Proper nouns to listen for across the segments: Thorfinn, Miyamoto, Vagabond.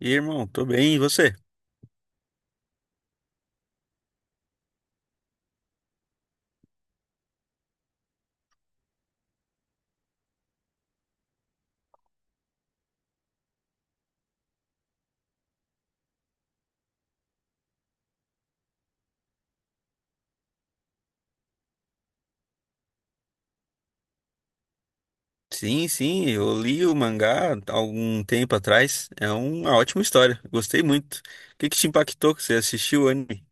E aí, irmão, tô bem, e você? Sim, sim, eu li o mangá há algum tempo atrás. É uma ótima história, gostei muito. O que que te impactou que você assistiu o anime?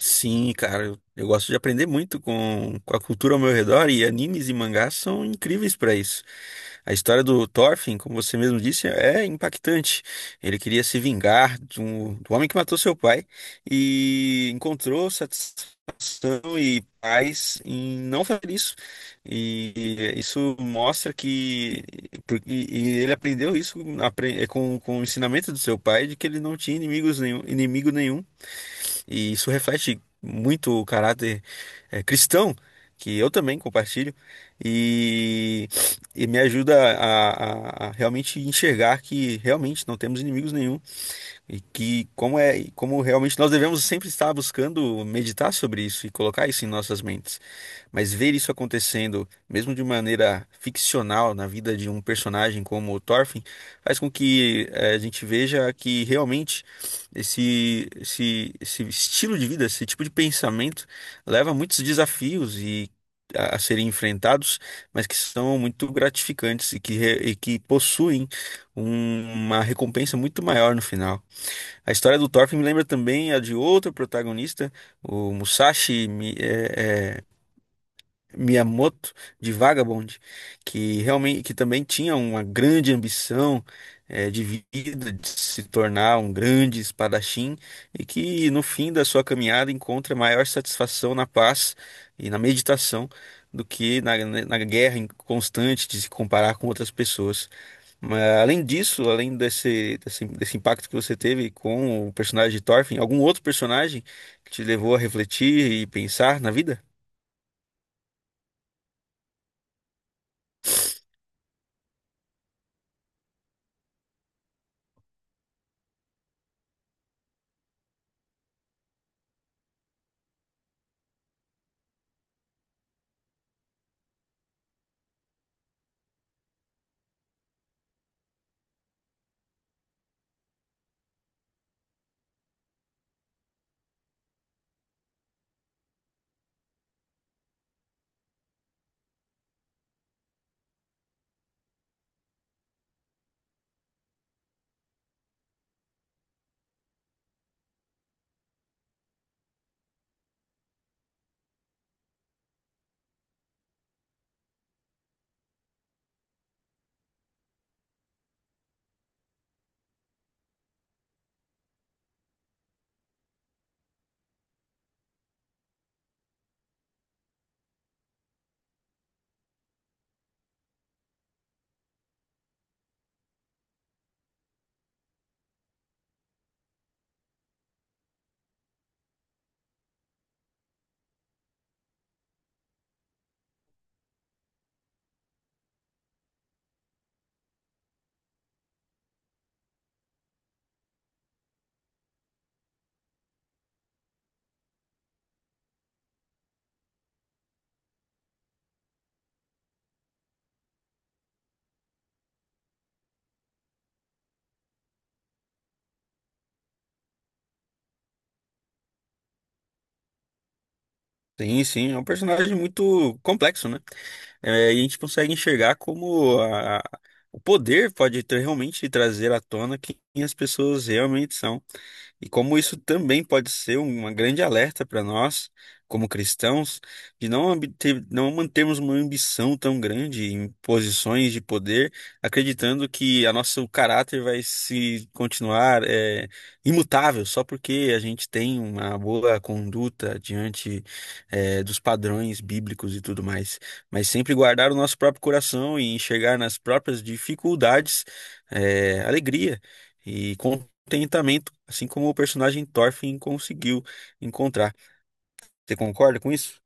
Sim, cara, eu gosto de aprender muito com a cultura ao meu redor, e animes e mangás são incríveis pra isso. A história do Thorfinn, como você mesmo disse, é impactante. Ele queria se vingar de do homem que matou seu pai e encontrou satisfação e paz em não fazer isso. E isso mostra que ele aprendeu isso com o ensinamento do seu pai, de que ele não tinha inimigo nenhum, e isso reflete muito o caráter cristão, que eu também compartilho, e, e me ajuda a, a realmente enxergar que realmente não temos inimigos nenhum, e que como é, como realmente nós devemos sempre estar buscando meditar sobre isso e colocar isso em nossas mentes. Mas ver isso acontecendo, mesmo de maneira ficcional, na vida de um personagem como o Thorfinn, faz com que a gente veja que realmente esse estilo de vida, esse tipo de pensamento, leva a muitos desafios e a serem enfrentados, mas que são muito gratificantes e que, e que possuem uma recompensa muito maior no final. A história do Thorfinn me lembra também a de outro protagonista, o Musashi. Miyamoto de Vagabond, que realmente que também tinha uma grande ambição de vida, de se tornar um grande espadachim, e que no fim da sua caminhada encontra maior satisfação na paz e na meditação do que na, né, na guerra constante de se comparar com outras pessoas. Mas, além disso, além desse impacto que você teve com o personagem de Thorfinn, algum outro personagem que te levou a refletir e pensar na vida? Sim, sim, é um personagem muito complexo, né? É, e a gente consegue enxergar como o poder pode realmente trazer à tona quem as pessoas realmente são. E como isso também pode ser uma grande alerta para nós, como cristãos, de não, não mantermos uma ambição tão grande em posições de poder, acreditando que a nosso caráter vai se continuar imutável só porque a gente tem uma boa conduta diante dos padrões bíblicos e tudo mais. Mas sempre guardar o nosso próprio coração e enxergar nas próprias dificuldades alegria e contentamento, assim como o personagem Thorfinn conseguiu encontrar. Você concorda com isso?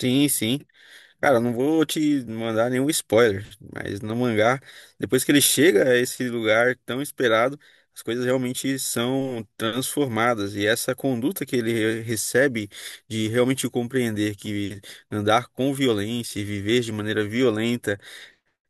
Sim, sim. Cara, não vou te mandar nenhum spoiler, mas no mangá, depois que ele chega a esse lugar tão esperado, as coisas realmente são transformadas. E essa conduta que ele recebe, de realmente compreender que andar com violência e viver de maneira violenta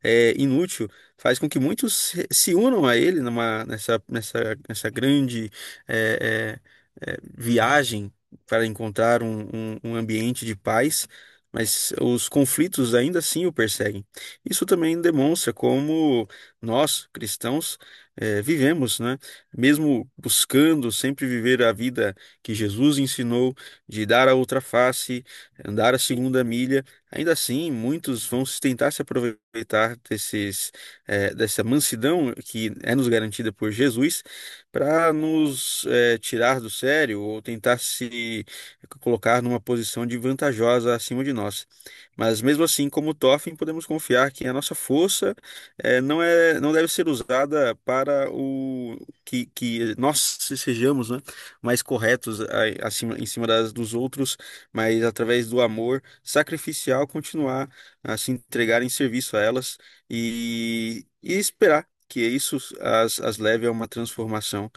é, inútil, faz com que muitos se unam a ele numa, nessa grande é, viagem para encontrar um ambiente de paz, mas os conflitos ainda assim o perseguem. Isso também demonstra como nós, cristãos, é, vivemos, né? Mesmo buscando sempre viver a vida que Jesus ensinou, de dar a outra face, andar a segunda milha. Ainda assim, muitos vão tentar se aproveitar desses, dessa mansidão que é nos garantida por Jesus, para nos tirar do sério, ou tentar se colocar numa posição de vantajosa acima de nós. Mas mesmo assim, como Toffin, podemos confiar que a nossa força não é, não deve ser usada para o que, que nós sejamos, né, mais corretos acima, em cima das, dos outros, mas através do amor sacrificial continuar a se entregar em serviço a elas e esperar que isso as, as leve a uma transformação.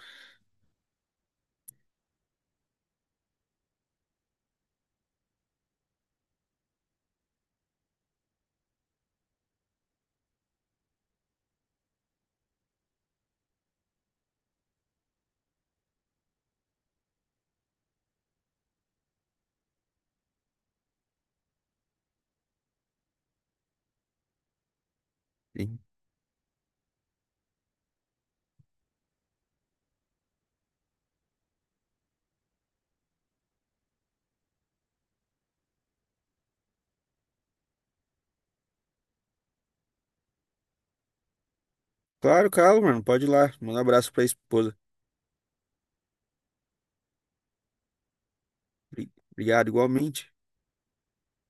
E, claro, Carlos, mano, pode ir lá. Manda um abraço para a esposa. Obrigado, igualmente.